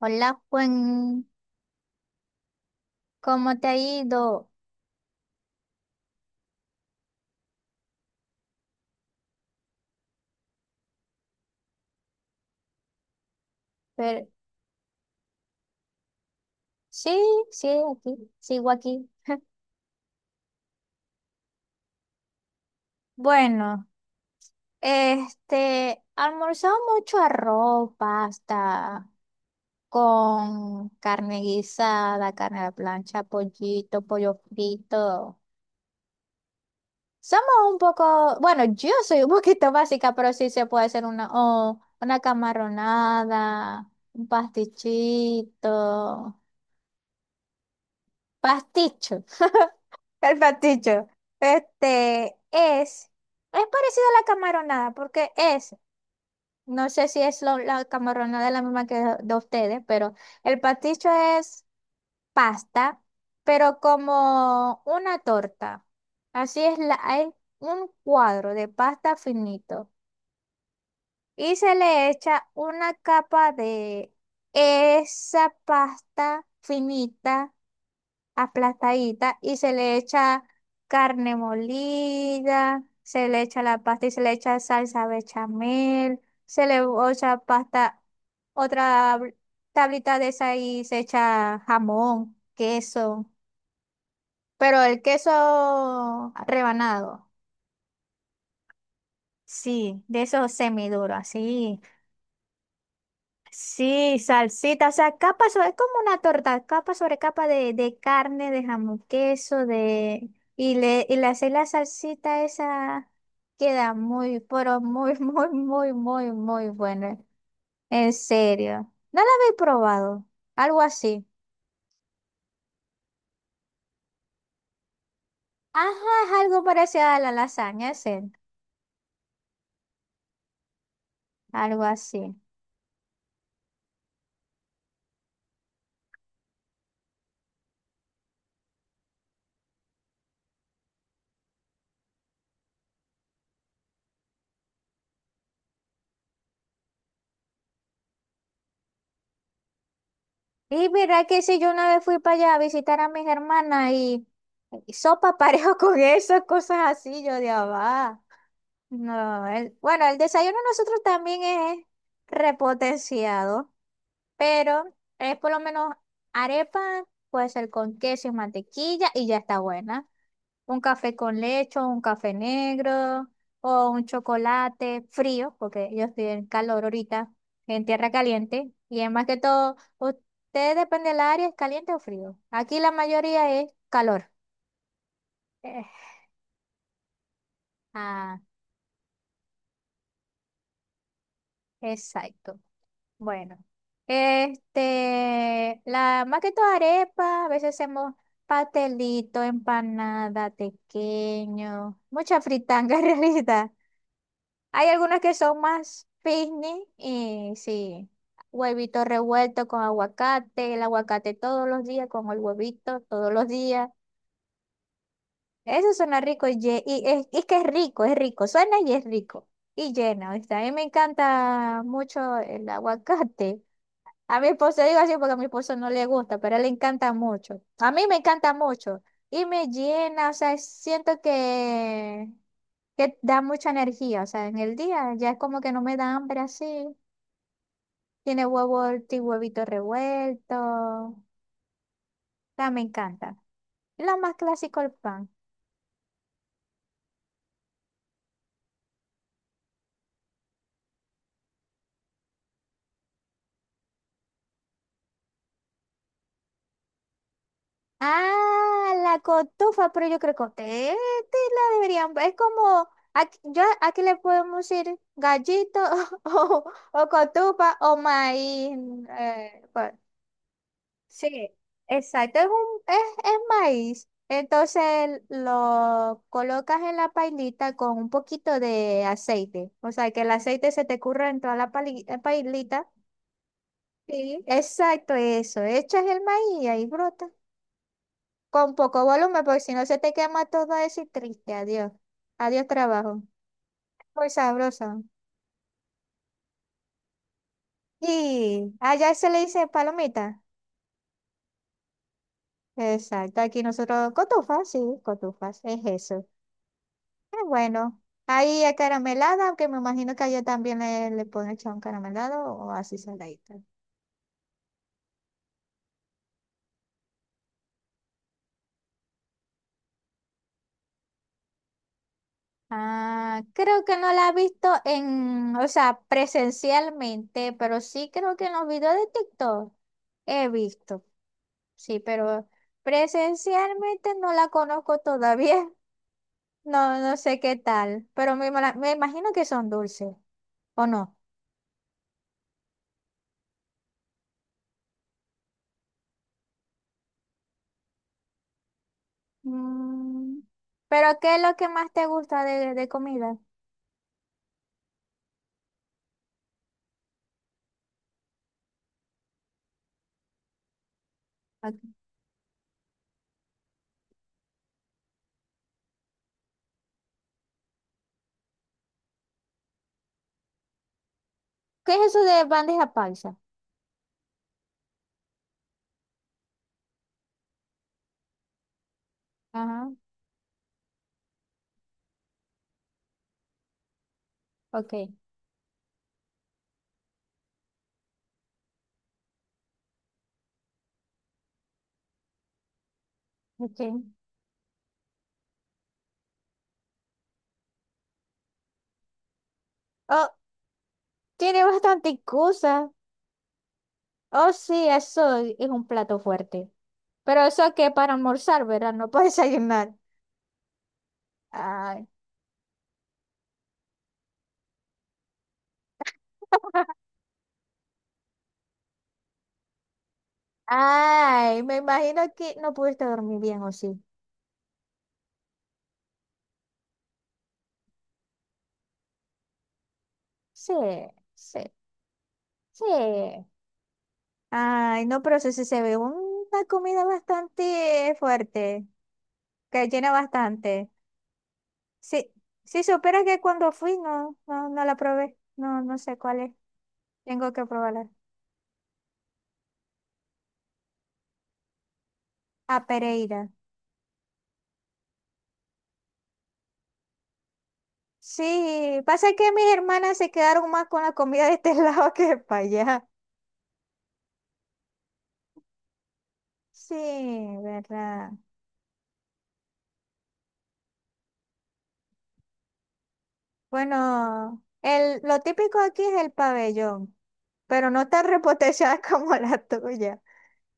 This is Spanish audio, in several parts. Hola Juan, ¿cómo te ha ido? Pero, sí, sí, aquí, sigo aquí. Bueno, almorzamos mucho arroz, pasta, con carne guisada, carne a la plancha, pollito, pollo frito. Somos un poco, bueno, yo soy un poquito básica, pero sí se puede hacer una, o una camaronada, un pastichito. Pasticho. El pasticho. Este es parecido a la camaronada, porque es, no sé si es la camaronada es la misma que de ustedes, pero el pasticho es pasta, pero como una torta. Así es, hay un cuadro de pasta finito y se le echa una capa de esa pasta finita aplastadita y se le echa carne molida, se le echa la pasta y se le echa salsa bechamel, se le echa pasta, otra tablita de esa y se echa jamón, queso, pero el queso rebanado, sí, de esos semiduros, así. Sí, salsita, o sea, capa sobre, es como una torta, capa sobre capa de carne, de jamón, queso, de... Y le hacéis la salsita esa, queda muy, pero muy, muy, muy, muy, muy buena. En serio. ¿No la habéis probado? Algo así. Ajá, es algo parecido a la lasaña, es él. Algo así. Y mira que si yo una vez fui para allá a visitar a mis hermanas y sopa parejo con esas cosas así, yo de va. No, bueno, el desayuno de nosotros también es repotenciado, pero es por lo menos arepa, puede ser con queso y mantequilla y ya está buena. Un café con leche, o un café negro o un chocolate frío, porque yo estoy en calor ahorita, en tierra caliente. Y es más que todo, usted depende del área, ¿es caliente o frío? Aquí la mayoría es calor. Eh, ah, exacto. Bueno, la más que todo arepa, a veces hacemos pastelito, empanada, tequeño, mucha fritanga en realidad. Hay algunas que son más picnic y sí, huevito revuelto con aguacate, el aguacate todos los días con el huevito todos los días. Eso suena rico y, y es que es rico, suena y es rico y llena. ¿Viste? A mí me encanta mucho el aguacate. A mi esposo, digo así porque a mi esposo no le gusta, pero a él le encanta mucho. A mí me encanta mucho y me llena, o sea, siento que da mucha energía, o sea, en el día ya es como que no me da hambre así. Tiene huevo, huevito revuelto, o sea, me encanta. Y lo más clásico, el pan. Ah, la cotufa, pero yo creo que ustedes la deberían. Es como, aquí le podemos decir gallito o, o cotufa o maíz. eh, bueno, sí, exacto, es maíz. Entonces lo colocas en la pailita con un poquito de aceite. O sea, que el aceite se te curra en toda la pailita. Sí, exacto, eso. Echas el maíz y ahí brota. Con poco volumen, porque si no se te quema todo eso y triste. Adiós. Adiós, trabajo. Muy sabroso. Y allá se le dice palomita. Exacto. Aquí nosotros, cotufas, sí, cotufas. Es eso. Es bueno. Ahí es caramelada, aunque me imagino que allá también le pueden echar un caramelado o así saladita. Ah, creo que no la he visto en, o sea, presencialmente, pero sí creo que en los videos de TikTok he visto. Sí, pero presencialmente no la conozco todavía. No, no sé qué tal, pero me imagino que son dulces, ¿o no? Mm. Pero ¿qué es lo que más te gusta de comida? Ok. ¿Qué es eso de bandeja paisa? Ajá, ok, ok. Oh, tiene bastante cosa. Oh, sí, eso es un plato fuerte. Pero eso que para almorzar, ¿verdad? No para desayunar. Ay. Ay, me imagino que no pudiste dormir bien, ¿o sí? Sí, sí, sí. Ay, no, pero sí, sí se ve una comida bastante fuerte, que llena bastante. Sí, sí, supieras que cuando fui no, no, no la probé. No, no sé cuál es. Tengo que probarla. A Pereira. Sí, pasa que mis hermanas se quedaron más con la comida de este lado que para allá. Sí, verdad. Bueno, lo típico aquí es el pabellón, pero no tan repotenciada como la tuya.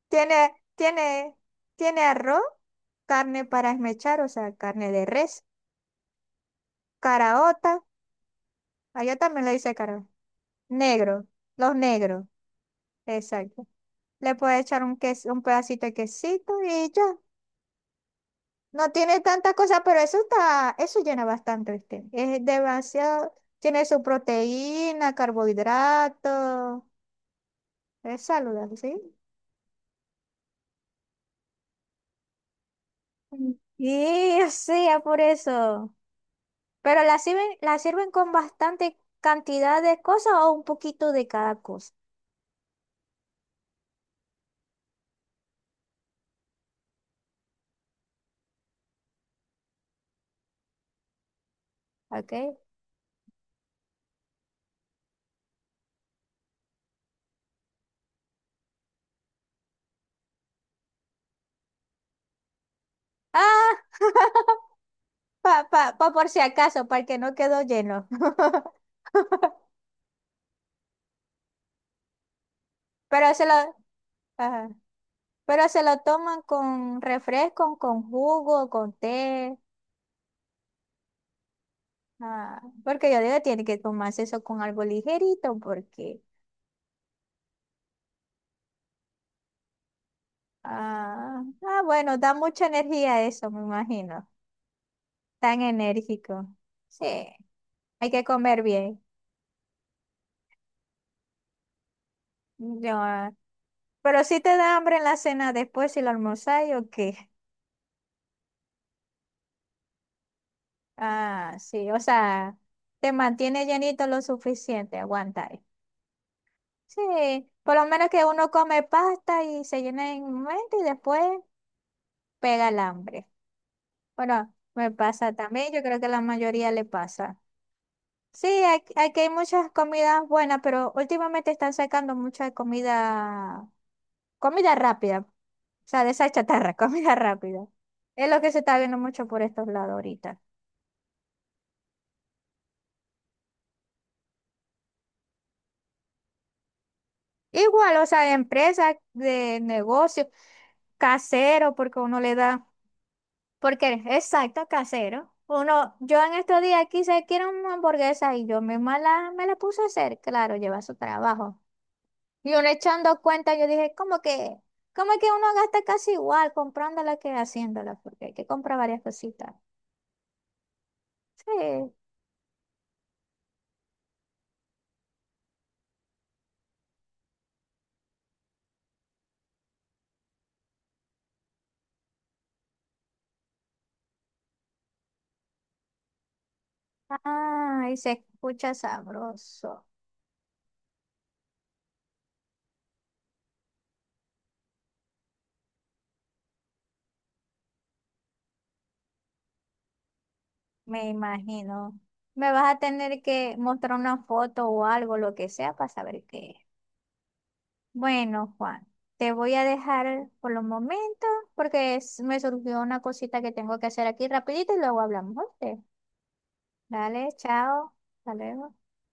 Tiene, tiene, tiene arroz, carne para esmechar, o sea, carne de res, caraota, allá también le dice caraota, negro, los negros, exacto. Le puede echar un queso, un pedacito de quesito y ya. No tiene tanta cosa, pero eso está, eso llena bastante, ¿viste? Es demasiado, tiene su proteína, carbohidrato, es saludable, ¿sí? Mm. Y o sea, por eso. Pero la sirven con bastante cantidad de cosas o un poquito de cada cosa. ¿Ok? Ah, pa por si acaso, para que no quedó lleno. Pero se lo, ajá. Pero se lo toman con refresco, con jugo, con té. Ah, porque yo digo, tiene que tomarse eso con algo ligerito, porque. Ah, ah, bueno, da mucha energía eso, me imagino. Tan enérgico. Sí, hay que comer bien. No, pero si te da hambre en la cena después si lo almorzáis o qué. Ah, sí, o sea, te mantiene llenito lo suficiente, aguantáis. Sí, por lo menos que uno come pasta y se llena en un momento y después pega el hambre. Bueno, me pasa también, yo creo que a la mayoría le pasa. Sí, aquí hay muchas comidas buenas, pero últimamente están sacando mucha comida, comida rápida, o sea, de esa chatarra, comida rápida. Es lo que se está viendo mucho por estos lados ahorita. Igual, o sea, de empresa, de negocio, casero, porque uno le da, porque, exacto, casero. Yo en estos días quise, quiero una hamburguesa y yo misma la, me la puse a hacer, claro, lleva su trabajo. Y uno echando cuenta, yo dije, ¿cómo que uno gasta casi igual comprándola que haciéndola? Porque hay que comprar varias cositas. Sí. Ay, se escucha sabroso. Me imagino. Me vas a tener que mostrar una foto o algo, lo que sea, para saber qué es. Bueno, Juan, te voy a dejar por los momentos porque me surgió una cosita que tengo que hacer aquí rapidito y luego hablamos. ¿Oíste? Dale, chao. Hasta luego.